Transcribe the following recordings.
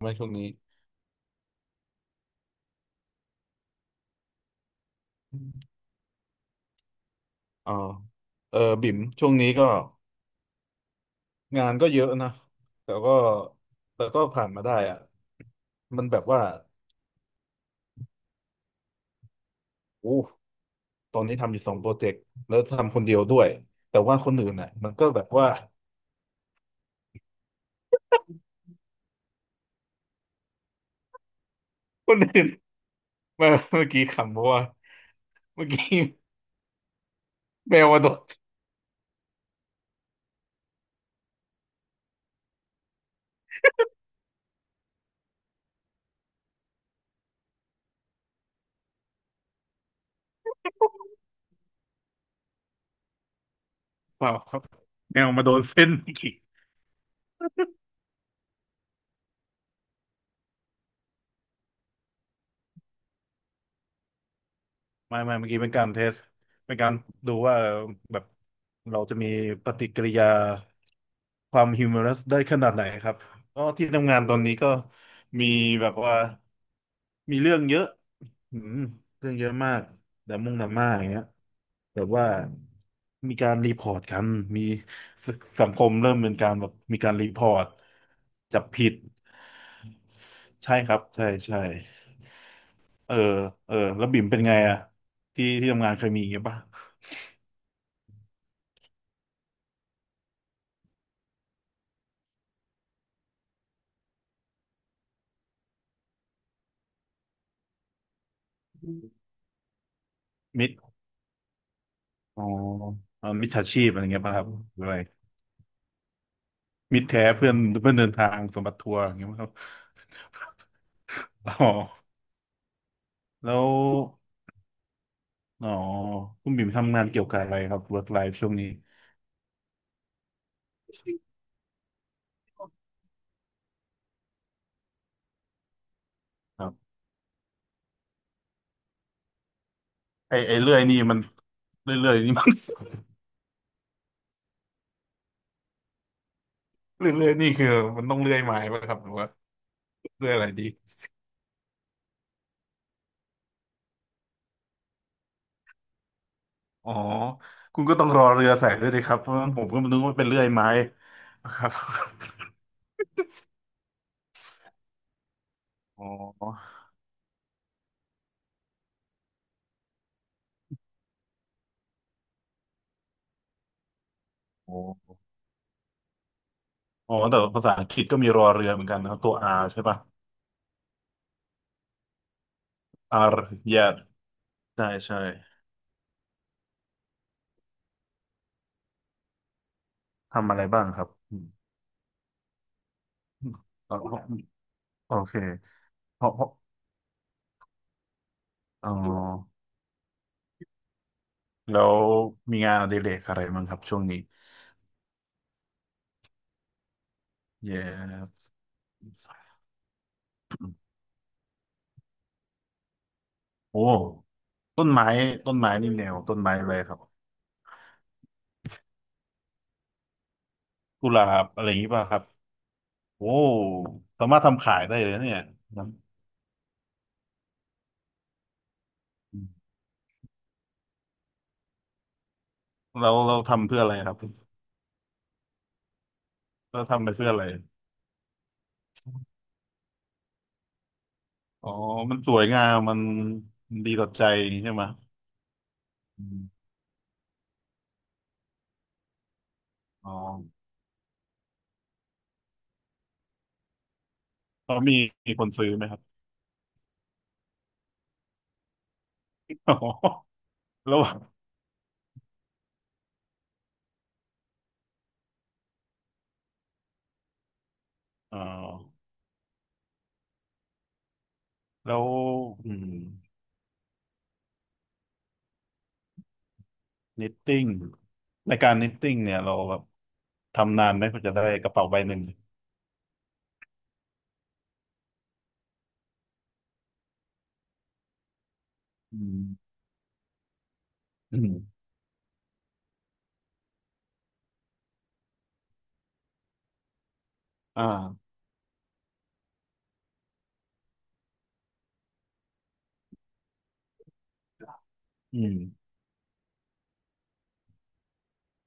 ไหมช่วงนี้อ๋อเออบิ่มช่วงนี้ก็งานก็เยอะนะแต่ก็แต่ก็ผ่านมาได้อะมันแบบว่าโอ้ตอนนี้ทำอยู่สองโปรเจกต์แล้วทำคนเดียวด้วย แต่ว่าคนอื่นน่ะมันก็แบบว่าคนอื่น เมาเมื่อกี้ขำเพราะว่าเมื่อกี้ แมวมาโดน เปล่าครับแมวมาโดนเส้นเมื่อกี้ไม่เมื่อกี้เป็นการเทสเป็นการดูว่าแบบเราจะมีปฏิกิริยา ความฮิวมอรัสได้ขนาดไหนครับก็ที่ทำงานตอนนี้ก็มีแบบว่ามีเรื่องเยอะอืมเรื่องเยอะมากดราม่งดราม่าอย่างเงี้ยแต่ว่ามีการรีพอร์ตกันมีสสังคมเริ่มเป็นการแบบมีการรีพอร์ตจับผิดใช่ครับใช่ใช่เออเออแล้วบิ่มเป็นไงอะที่ทำงานเคยมีอย่างเงี้ยป่ะมิดอ๋อมิจฉาชีพอะไรเงี้ยป่ะครับหรืออะไร มิตรแท้เพื่อนเพื่อนเดินทางสมบัติทัวร์อย่างเงี้ยมั้งครับอ๋อแล้วอ๋อคุณบิ่มทำงานเกี่ยวกับอะไรครับ work life ช่วงนี้ครับไอเลื่อยนี่มันเรื่อยๆนี่มัน เรื่อยๆนี่คือมันต้องเลื่อยไม้ป่ะครับหรือว่าเลื่อยอะไรดีอ๋อ คุณก็ต้องรอเรือใส่ด้วยดิครับเพราะงั้นผมก็นึกว่าเป็นเลื่อยไม้นะครับ อ๋อโอ้อ๋อ แต่ภาษาอังกฤษก็มีรอเรือเหมือนกันนะครับตัว R ใช่ป่ะ R แย่ได้ใช่ ทำอะไรบ้างครับอืมอ๋อโอเคเพราะอ๋อแล้วมีงานอดิเรกอะไรบ้างครับช่วงนี้เย้โอ้ต้นไม้ต้นไม้นี่แนวต้นไม้อะไรครับกุหลาบอะไรอย่างนี้ป่ะครับโอ้สามารถทำขายได้เลยนะเนี่ยนะเราทำเพื่ออะไรครับเราทำไปเพื่ออะไรอ๋อมันสวยงามมันมันดีต่อใจอย่างนี้ใช่ไหมอืมอ๋อแล้วมีมีคนซื้อไหมครับ อ๋อแล้วอ๋อ แล้วอืมนิตติ้งในการนิตติ้งเนี่ยเราแบบทำนานไหมเพื่อจะได้กระเป๋าใบหนึ่งอืมอืมอ่าอืม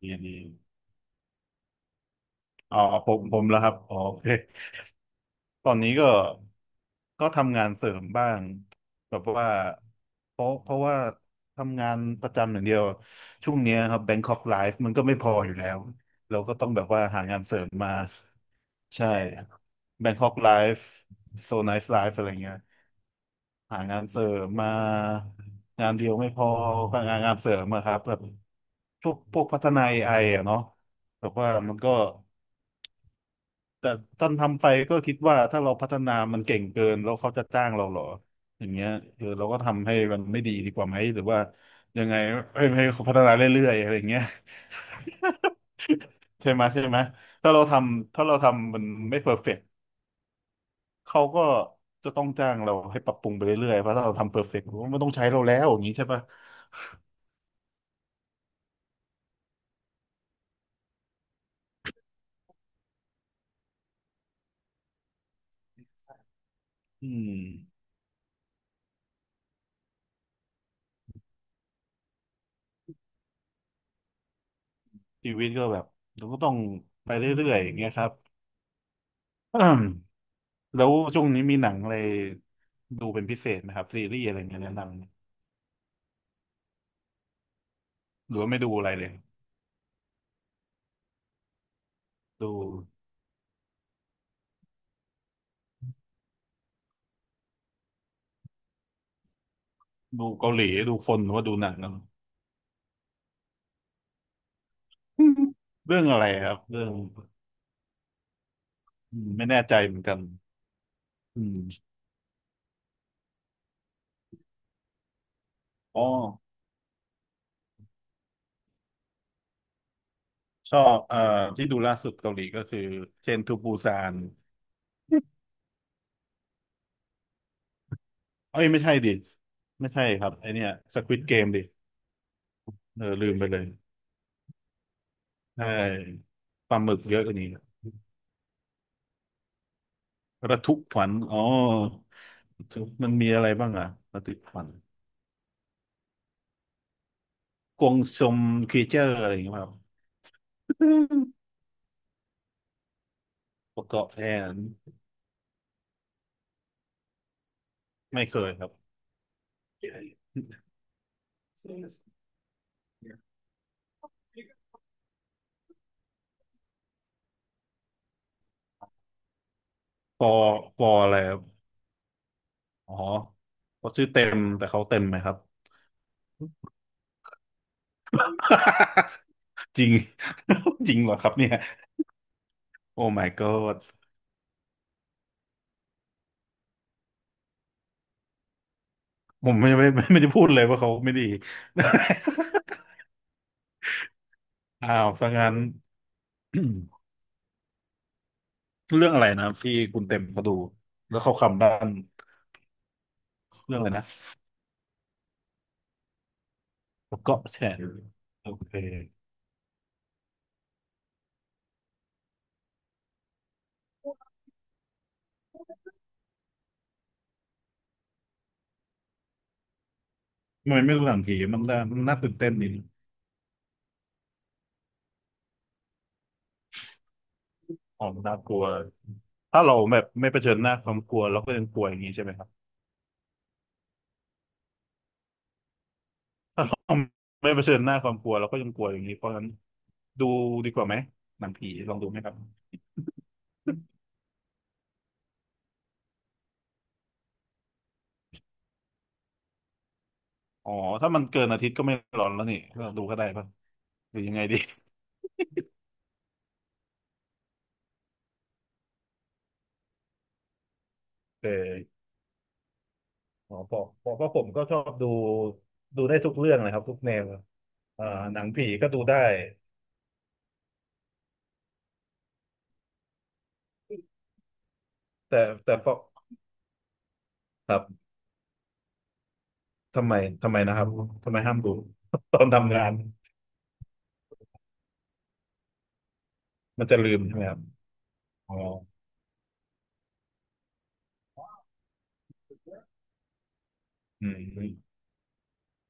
ดีดีอ๋อผมแล้วครับอ๋อโอเคตอนนี้ก็ก็ทำงานเสริมบ้างแบบว่าเพราะว่าทำงานประจำอย่างเดียวช่วงเนี้ยครับ Bangkok Life มันก็ไม่พออยู่แล้วเราก็ต้องแบบว่าหางานเสริมมาใช่ Bangkok Life So Nice Life อะไรเงี้ย หางานเสริมมางานเดียวไม่พอก็งานเสริมอะครับแบบพวกพัฒนา AI อไออะเนาะแบบว่ามันก็แต่ตอนทำไปก็คิดว่าถ้าเราพัฒนามันเก่งเกินแล้วเขาจะจ้างเราเหรออย่างเงี้ยคือเราก็ทำให้มันไม่ดีดีกว่าไหมหรือว่ายังไงให้เขาพัฒนาเรื่อยๆอะไรอย่างเงี้ย ใช่ไหมใช่ไหมถ้าเราทำมันไม่เพอร์เฟกต์เขาก็จะต้องจ้างเราให้ปรับปรุงไปเรื่อยๆเพราะถ้าเราทำเพอร์เฟกต์มันไม่ต้องใช้เราแล้วอย่างนี้ใช่ปะอืม ชีวิตก็แบบเราก็ต้องไปเรื่อยๆอย่างเงี้ยครับ แล้วช่วงนี้มีหนังอะไรดูเป็นพิเศษไหมครับซีรีส์อะไรเงี้ยแนะนำหรือว่าไม่ดูอะไรเลยดูดูเกาหลีดูคนหรือว่าดูหนังนะ เรื่องอะไรครับเรื่องอืมไม่แน่ใจเหมือนกันอืมอ๋อชอบที่ดูล่าสุดเกาหลีก็คือเชนทูปูซานเอ้ยไม่ใช่ดิไม่ใช่ครับไอเนี้ยสควิดเกมดิเออลืมไปเลยใช่ปลาหมึกเยอะกว่านี้ ระทึกขวัญอ๋อมันมีอะไรบ้างอะระทึกขวัญกวงซมครีเจอร์อะไรอย่างเงี้ยครับประกอบแทนไม่เคยครับปอปออะไรครับอ๋อเขาชื่อเต็มแต่เขาเต็มไหมครับ จริง จริงเหรอครับเนี่ยโอ้ my god ผมไม่จะพูดเลยว่าเขาไม่ดี อ้าวซะงั้น เรื่องอะไรนะที่คุณเต็มเขาดูแล้วเขาคำด้านเรื่องอะไรนะ เกาะแฉะโอเคทำไมไม่ดูหนังผีมันน่าตื่นเต้นดีอ๋อมันน่ากลัวถ้าเราแบบไม่เผชิญหน้าความกลัวเราก็ยังกลัวอย่างนี้ใช่ไหมครับถ้าเราไม่เผชิญหน้าความกลัวเราก็ยังกลัวอย่างนี้เพราะฉะนั้นดูดีกว่าไหมหนังผีลองดูไหมครับอ๋อถ้ามันเกินอาทิตย์ก็ไม่ร้อนแล้วนี่เราดูก็ได้ป่ะหรือยังไงดีเอออ๋อเพราะผมก็ชอบดูดูได้ทุกเรื่องเลยครับทุกแนวอ่าหนังผีก็ดูได้แต่แต่เพราะครับ ทำไมทำไมนะครับทำไมห้ามดู ตอนทำงานมันจะลืมใช่ไหมครับอ๋ออืม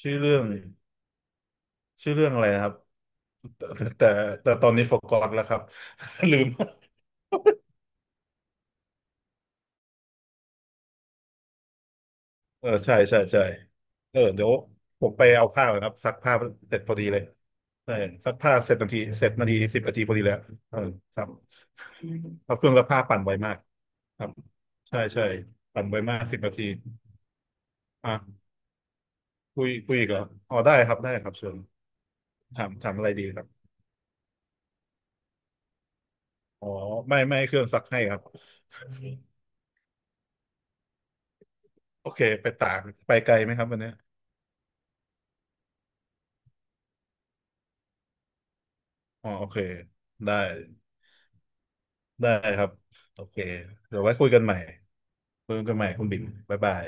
ชื่อเรื่องชื่อเรื่องอะไรนะครับแต่แต่แต่ตอนนี้ forgot แล้วครับ ลืม เออใช่ใช่ใช่เออเดี๋ยวผมไปเอาผ้าก่อนครับซักผ้าเสร็จพอดีเลยใช่ซักผ้าเสร็จนาทีเสร็จนาทีสิบนาทีพอดีแล้วเออครับครับเครื่องซักผ้าปั่นไวมากครับใช่ใช่ปั่นไวมากสิบนาทีอ่ะคุยอีกเหรออ๋อได้ครับได้ครับเชิญถามอะไรดีครับ อ๋อไม่ให้เครื่องซักให้ครับ โอเคไปตากไปไกลไหมครับวันเนี้ยอ๋อโอเคได้ได้ครับโอเคเดี๋ยวไว้คุยกันใหม่คุยกันใหม่คุณบิ่มบ๊ายบาย